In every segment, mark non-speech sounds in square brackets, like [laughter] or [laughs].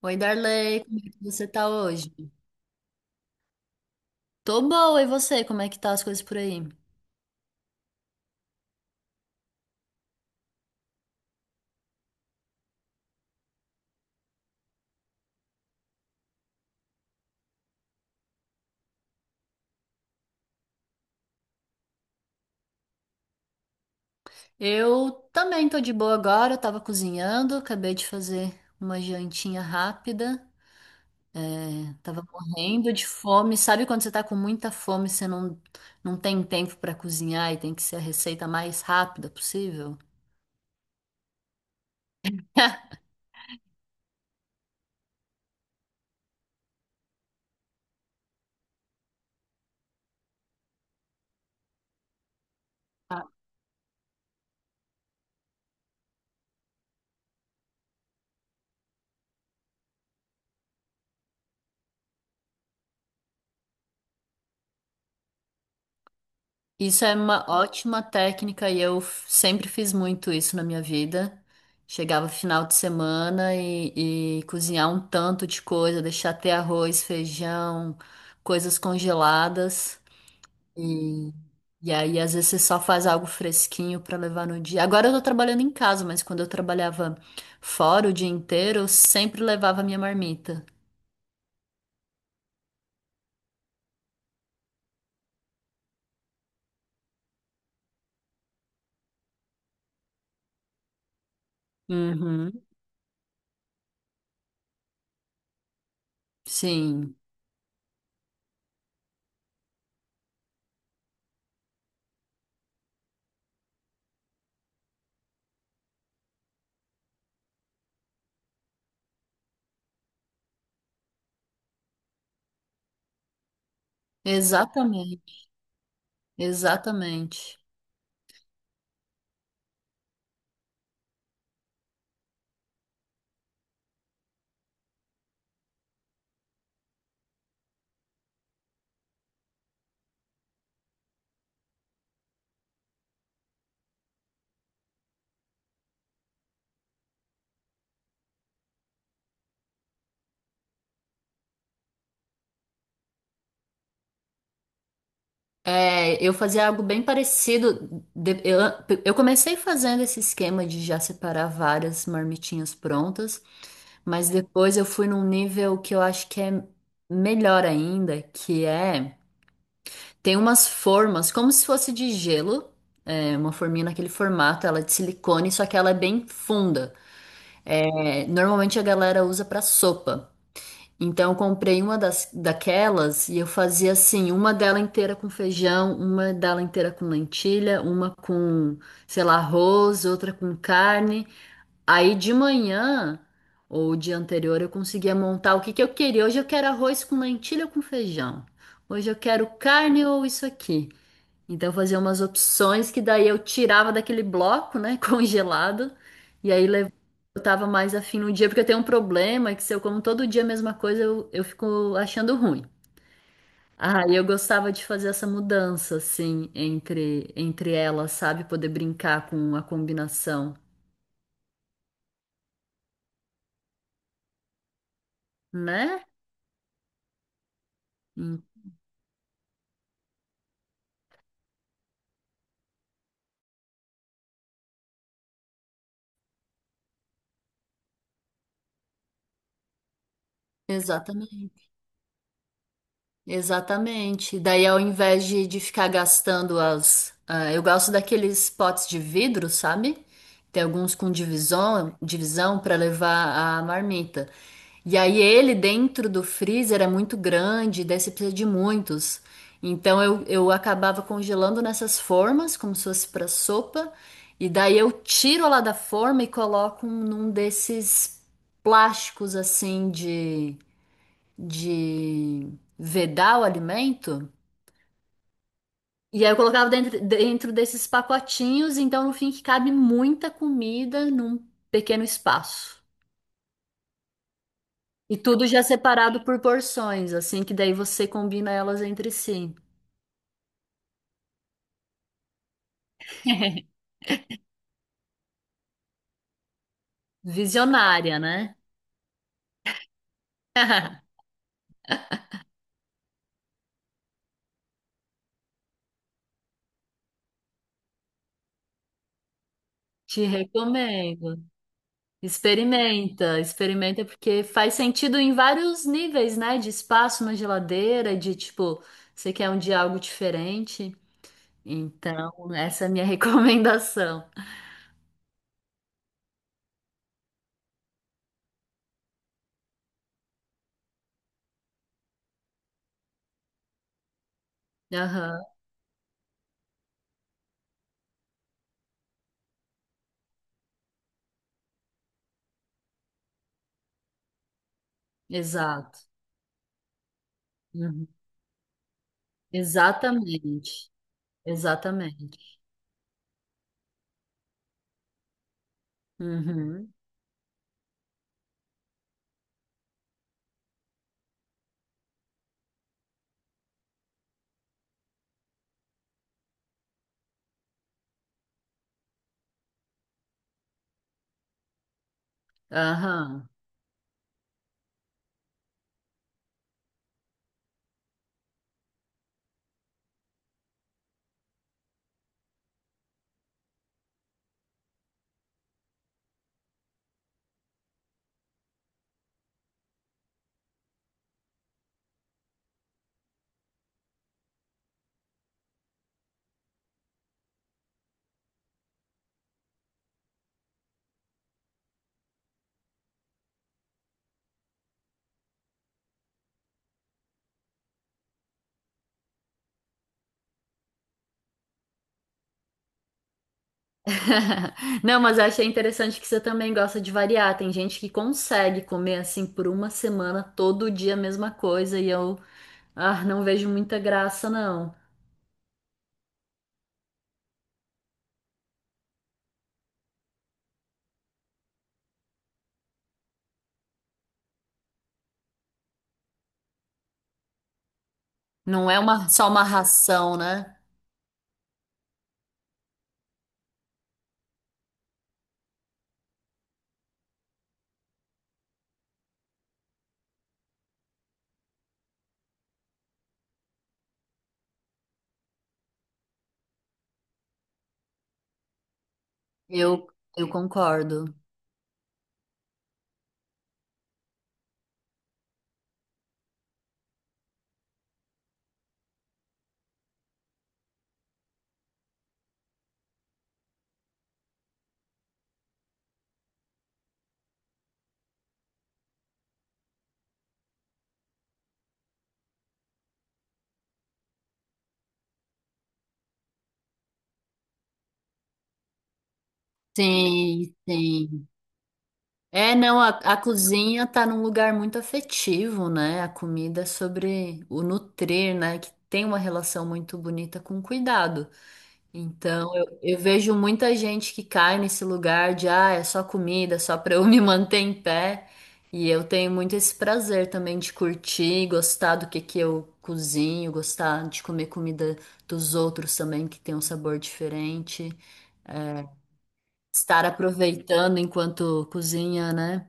Oi, Darley, como é que você tá hoje? Tô boa, e você? Como é que tá as coisas por aí? Eu também tô de boa agora, eu tava cozinhando, acabei de fazer uma jantinha rápida, é, tava morrendo de fome. Sabe quando você tá com muita fome, você não, não tem tempo pra cozinhar e tem que ser a receita mais rápida possível? [laughs] Isso é uma ótima técnica e sempre fiz muito isso na minha vida. Chegava final de semana e cozinhar um tanto de coisa, deixar ter arroz, feijão, coisas congeladas. E, e aí, às vezes, você só faz algo fresquinho para levar no dia. Agora eu tô trabalhando em casa, mas quando eu trabalhava fora o dia inteiro, eu sempre levava minha marmita. Uhum. Sim, exatamente, exatamente. É, eu fazia algo bem parecido. Eu comecei fazendo esse esquema de já separar várias marmitinhas prontas, mas depois eu fui num nível que eu acho que é melhor ainda, que é tem umas formas, como se fosse de gelo, uma forminha naquele formato, ela é de silicone, só que ela é bem funda. É, normalmente a galera usa para sopa. Então, eu comprei uma das, daquelas e eu fazia assim, uma dela inteira com feijão, uma dela inteira com lentilha, uma com, sei lá, arroz, outra com carne. Aí de manhã ou o dia anterior eu conseguia montar o que que eu queria. Hoje eu quero arroz com lentilha ou com feijão. Hoje eu quero carne ou isso aqui. Então eu fazia umas opções que daí eu tirava daquele bloco, né, [laughs] congelado, e aí eu tava mais afim no dia, porque eu tenho um problema que se eu como todo dia a mesma coisa, eu fico achando ruim. Ah, e eu gostava de fazer essa mudança, assim, entre elas, sabe? Poder brincar com a combinação, né? Hum. Exatamente. Exatamente. Daí, ao invés de ficar gastando as. Ah, eu gosto daqueles potes de vidro, sabe? Tem alguns com divisão, divisão para levar a marmita. E aí, ele dentro do freezer é muito grande, daí você precisa de muitos. Então, eu acabava congelando nessas formas, como se fosse para sopa. E daí, eu tiro lá da forma e coloco num desses plásticos assim de vedar o alimento. E aí eu colocava dentro desses pacotinhos, então no fim que cabe muita comida num pequeno espaço. E tudo já separado por porções, assim que daí você combina elas entre si. [laughs] Visionária, né? [laughs] Te recomendo. Experimenta, experimenta porque faz sentido em vários níveis, né? De espaço na geladeira, de tipo, você quer um dia algo diferente. Então, essa é a minha [laughs] recomendação. Aham, exato. Uhum. Exatamente. Exatamente. Uhum. Aham. [laughs] Não, mas eu achei interessante que você também gosta de variar. Tem gente que consegue comer assim por uma semana, todo dia a mesma coisa, e eu, ah, não vejo muita graça, não. Não é uma, só uma ração, né? Eu, eu concordo. Sim, sim. É, não, a cozinha tá num lugar muito afetivo, né? A comida é sobre o nutrir, né? Que tem uma relação muito bonita com cuidado. Então, eu vejo muita gente que cai nesse lugar de, ah, é só comida, só pra eu [laughs] me manter em pé. E eu tenho muito esse prazer também de curtir, gostar do que eu cozinho, gostar de comer comida dos outros também, que tem um sabor diferente. É, estar aproveitando enquanto cozinha, né?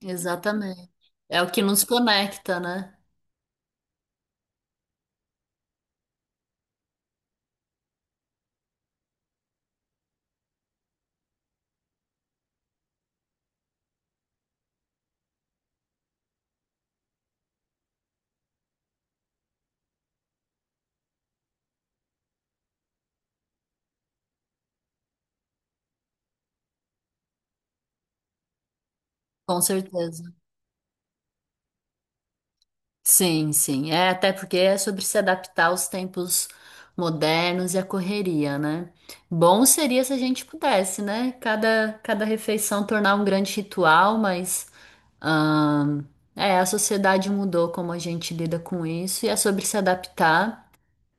Exatamente. É o que nos conecta, né? Com certeza. Sim, sim. É até porque é sobre se adaptar aos tempos modernos e à correria, né? Bom seria se a gente pudesse, né? Cada, cada refeição tornar um grande ritual, mas ahn, a sociedade mudou como a gente lida com isso e é sobre se adaptar.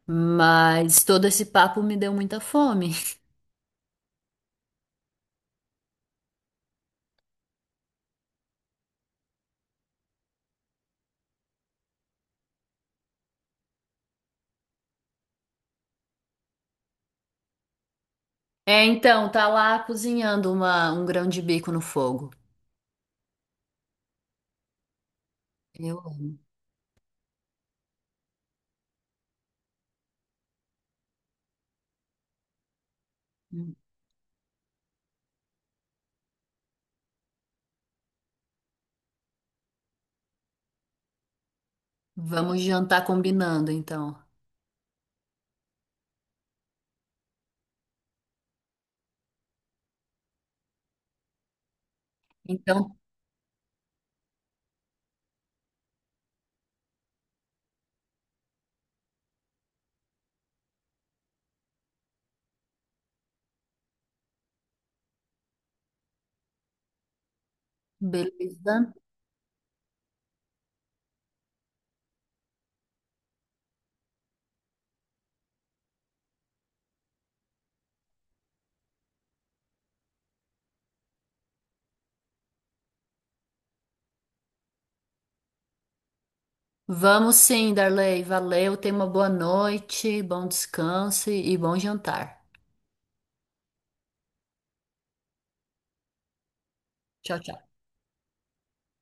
Mas todo esse papo me deu muita fome. [laughs] É, então, tá lá cozinhando uma, um grão de bico no fogo. Eu amo. Vamos jantar combinando, então. Então, beleza? Vamos sim, Darley. Valeu, tenha uma boa noite, bom descanso e bom jantar. Tchau, tchau.